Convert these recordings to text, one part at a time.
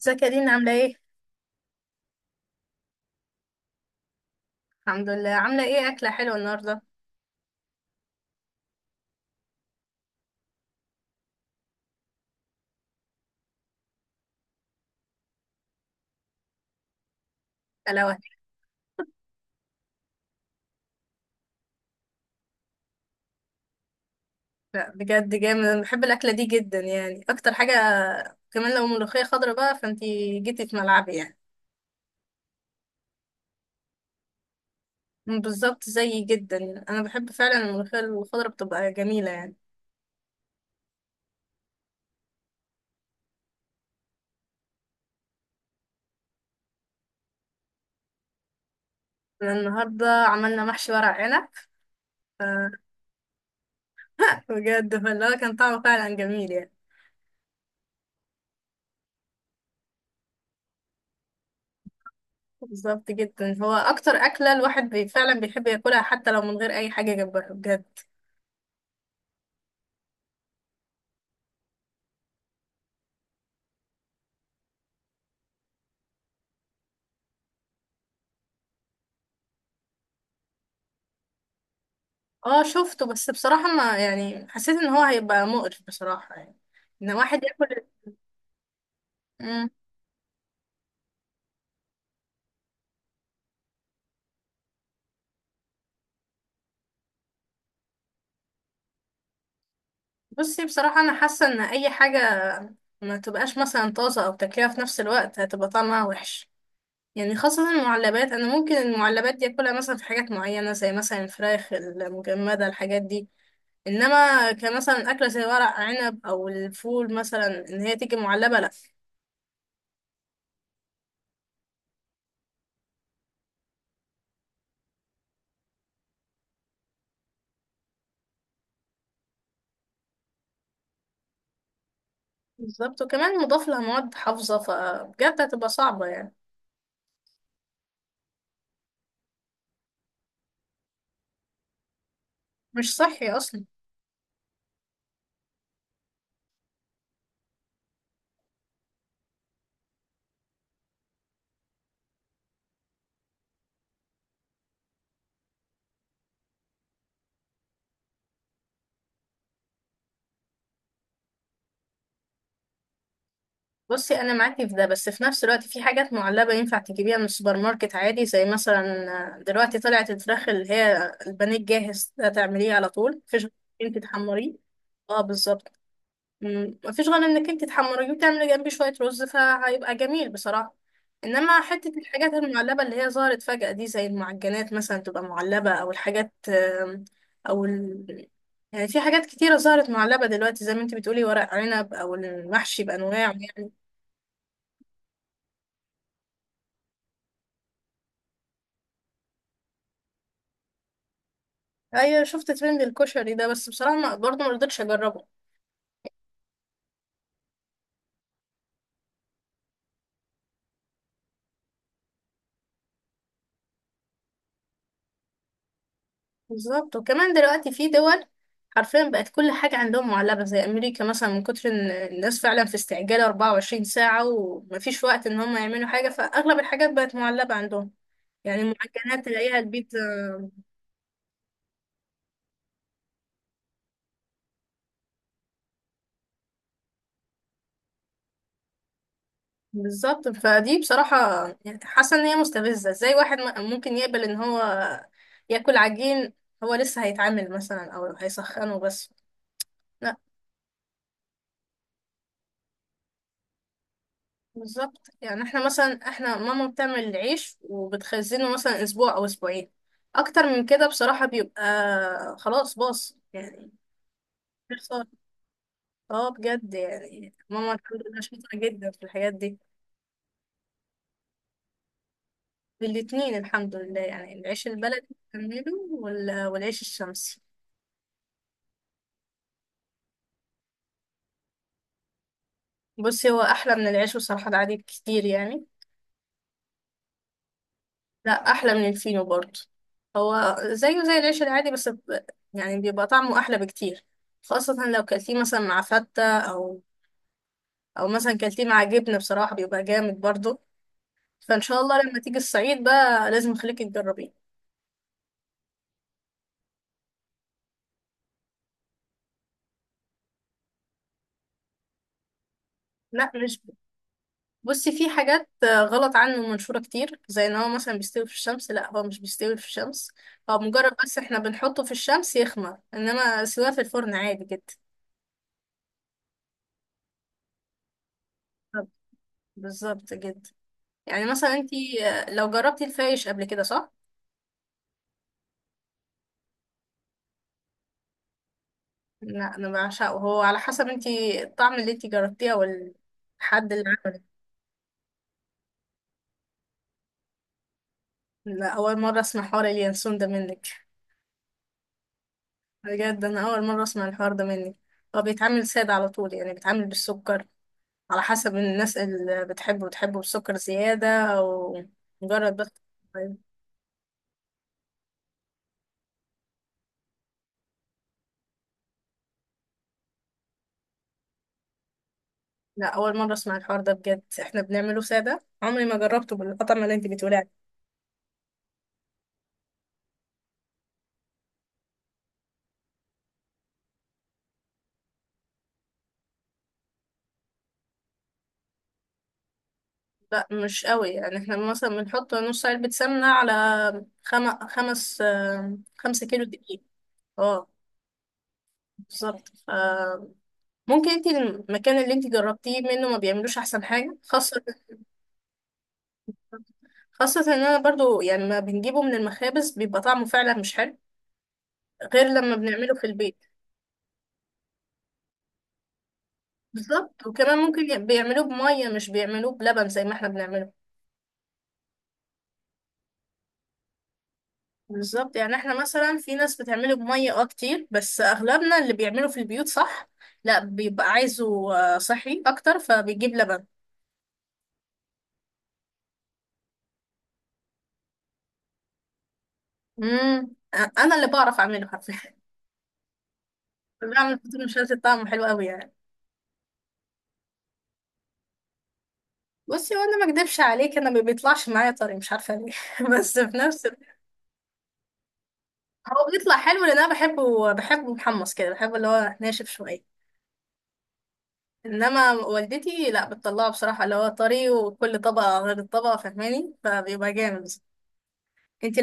ازيك يا دينا عاملة ايه؟ الحمد لله عاملة ايه أكلة حلوة النهاردة؟ ألا وهي لا بجد جامد، أنا بحب الأكلة دي جدا يعني أكتر حاجة. كمان لو ملوخية خضرا بقى فانتي جيتي في ملعبي يعني. بالظبط زيي جدا يعني. أنا بحب فعلا الملوخية الخضرا بتبقى جميلة يعني. أنا النهاردة عملنا محشي ورق عنب، بجد فاللي هو كان طعمه فعلا جميل يعني. بالظبط جدا، هو أكتر أكلة الواحد فعلا بيحب ياكلها حتى لو من غير أي حاجة جنبها بجد. اه شفته بس بصراحة ما يعني حسيت ان هو هيبقى مقرف بصراحة يعني، ان واحد ياكل. مم. بصي بصراحة انا حاسة ان اي حاجة ما تبقاش مثلا طازة او تاكلها في نفس الوقت هتبقى طعمها وحش يعني، خاصة المعلبات. انا ممكن المعلبات دي اكلها مثلا في حاجات معينة زي مثلا الفراخ المجمدة الحاجات دي، انما كمثلا اكلة زي ورق عنب او الفول مثلا ان هي تيجي معلبة لا. بالظبط، وكمان مضاف لها مواد حافظة فبجد هتبقى صعبة يعني. مش صحي اصلا. بصي انا معاكي في ده، بس في نفس الوقت في حاجات معلبه ينفع تجيبيها من السوبر ماركت عادي، زي مثلا دلوقتي طلعت الفراخ اللي هي البانيه الجاهز ده، تعمليه على طول مفيش غير انك انت تحمريه. اه بالظبط. مفيش غير انك انت تحمريه وتعملي جنبيه شويه رز فهيبقى جميل بصراحه. انما حته الحاجات المعلبه اللي هي ظهرت فجأة دي زي المعجنات مثلا تبقى معلبه، او الحاجات او ال... يعني في حاجات كتيرة ظهرت معلبة دلوقتي زي ما انت بتقولي، ورق عنب أو المحشي بأنواعه يعني. ايوه شفت ترند الكشري ده، بس بصراحه ما برضه ما رضيتش اجربه. بالظبط. وكمان دلوقتي في دول حرفيا بقت كل حاجه عندهم معلبه، زي امريكا مثلا، من كتر ان الناس فعلا في استعجال 24 ساعه ومفيش وقت ان هم يعملوا حاجه، فاغلب الحاجات بقت معلبه عندهم. يعني المعجنات تلاقيها، البيتزا. بالظبط، فدي بصراحه يعني حاسه ان هي مستفزه، ازاي واحد ممكن يقبل ان هو ياكل عجين، هو لسه هيتعامل مثلا او هيسخنه بس. بالظبط. يعني احنا مثلا، احنا ماما بتعمل العيش وبتخزنه مثلا اسبوع او اسبوعين، اكتر من كده بصراحة بيبقى خلاص باص يعني، بيخسر. اه بجد، يعني ماما الحمد لله شاطرة جدا في الحاجات دي. الاتنين الحمد لله، يعني العيش البلدي بتعمله والعيش الشمسي. بصي هو احلى من العيش بصراحة العادي بكتير يعني. لا احلى من الفينو برضه. هو زيه زي العيش العادي يعني بيبقى طعمه احلى بكتير، خاصة لو كلتيه مثلا مع فتة، او او مثلا كلتيه مع جبنة، بصراحة بيبقى جامد برضه. فان شاء الله لما تيجي الصعيد بقى لازم اخليكي تجربيه. لا مش ب- بصي في حاجات غلط عنه منشورة كتير، زي ان هو مثلا بيستوي في الشمس. لا هو مش بيستوي في الشمس، هو مجرد بس احنا بنحطه في الشمس يخمر، انما سواه في الفرن عادي جدا. بالظبط. بالظبط جدا. يعني مثلا انت لو جربتي الفايش قبل كده، صح؟ لا انا بعشقه، هو على حسب انت الطعم اللي انت جربتيه، او الحد اللي عمله. لا اول مره اسمع حوار اليانسون ده منك. بجد انا اول مره اسمع الحوار ده منك. هو بيتعمل ساده على طول، يعني بيتعمل بالسكر على حسب الناس، اللي بتحبه بتحبه بالسكر زياده، او مجرد بس. طيب، لا اول مره اسمع الحوار ده بجد، احنا بنعمله ساده، عمري ما جربته بالقطعه اللي انت بتقولي. لا مش قوي، يعني احنا مثلا بنحط نص علبة سمنة على خم... خمس آه، 5 كيلو دقيق. اه بالظبط. ممكن انت المكان اللي انت جربتيه منه ما بيعملوش احسن حاجة خاصة، خاصة ان انا برضو يعني ما بنجيبه من المخابز بيبقى طعمه فعلا مش حلو، غير لما بنعمله في البيت. بالظبط. وكمان ممكن بيعملوه بمية، مش بيعملوه بلبن زي ما احنا بنعمله. بالظبط. يعني احنا مثلا في ناس بتعمله بمية اه كتير، بس اغلبنا اللي بيعمله في البيوت صح لا، بيبقى عايزه صحي اكتر فبيجيب لبن. امم. انا اللي بعرف اعمله حرفيا بعمل فطير مشلتت طعمه حلو قوي يعني. بصي وانا ما اكدبش عليك، انا ما بيطلعش معايا طري، مش عارفه ليه بس في نفس الوقت هو بيطلع حلو لان انا بحبه، بحبه محمص كده، بحبه اللي هو ناشف شويه. انما والدتي لا، بتطلعه بصراحه اللي هو طري، وكل طبقه غير الطبقه فاهماني، فبيبقى جامد. انت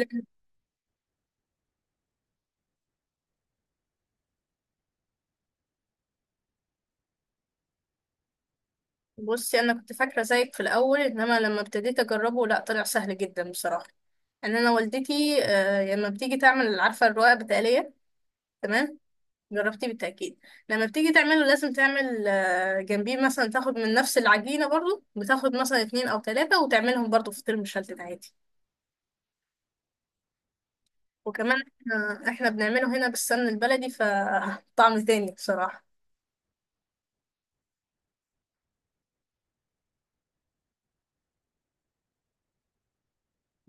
بصي انا كنت فاكره زيك في الاول، انما لما ابتديت اجربه لا طلع سهل جدا بصراحه، ان انا والدتي لما بتيجي تعمل عارفه الرقاق بتقليه، تمام، جربتيه بالتاكيد. لما بتيجي تعمله لازم تعمل جنبيه مثلا، تاخد من نفس العجينه برضو، بتاخد مثلا اتنين او تلاته وتعملهم برضو فطير مشلتت عادي. وكمان احنا بنعمله هنا بالسمن البلدي فطعم تاني بصراحه.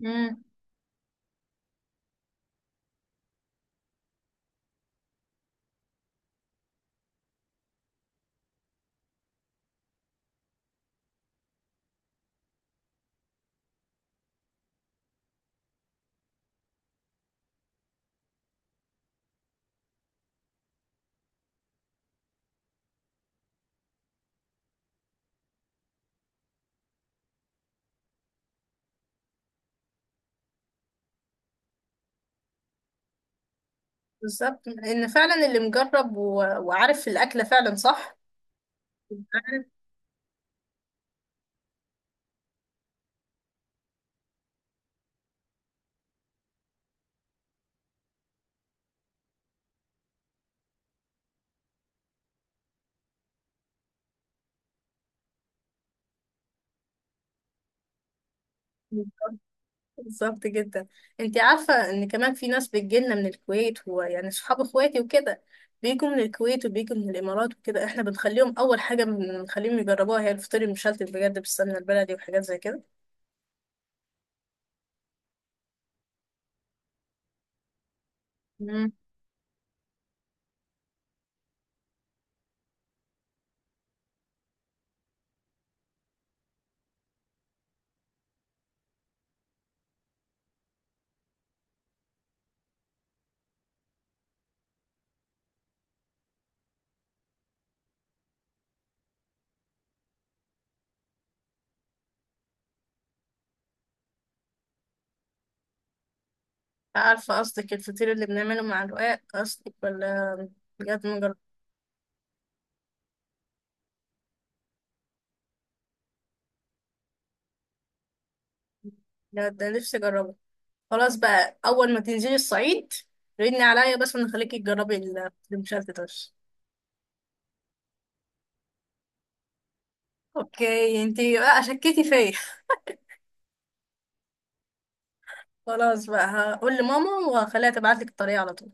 امم بالظبط، ان فعلا اللي مجرب وعارف الاكله فعلا صح. عارف بالظبط جدا. انت عارفة ان كمان في ناس بتجيلنا من الكويت، ويعني صحاب اخواتي وكده بيجوا من الكويت وبيجوا من الامارات وكده، احنا بنخليهم اول حاجة بنخليهم يجربوها هي الفطير المشلتت بجد بالسمنة البلدي، وحاجات زي كده. مم. عارفة قصدك الفطير اللي بنعمله مع الرقاق قصدك، ولا بجد مجرب؟ بجد ده نفسي اجربه. خلاص بقى اول ما تنزلي الصعيد ردني عليا بس ونخليكي تجربي الفطير المشلتت بس. اوكي انتي بقى شكيتي فيا. خلاص بقى، هقول لماما وهخليها تبعت لك الطريقة على طول.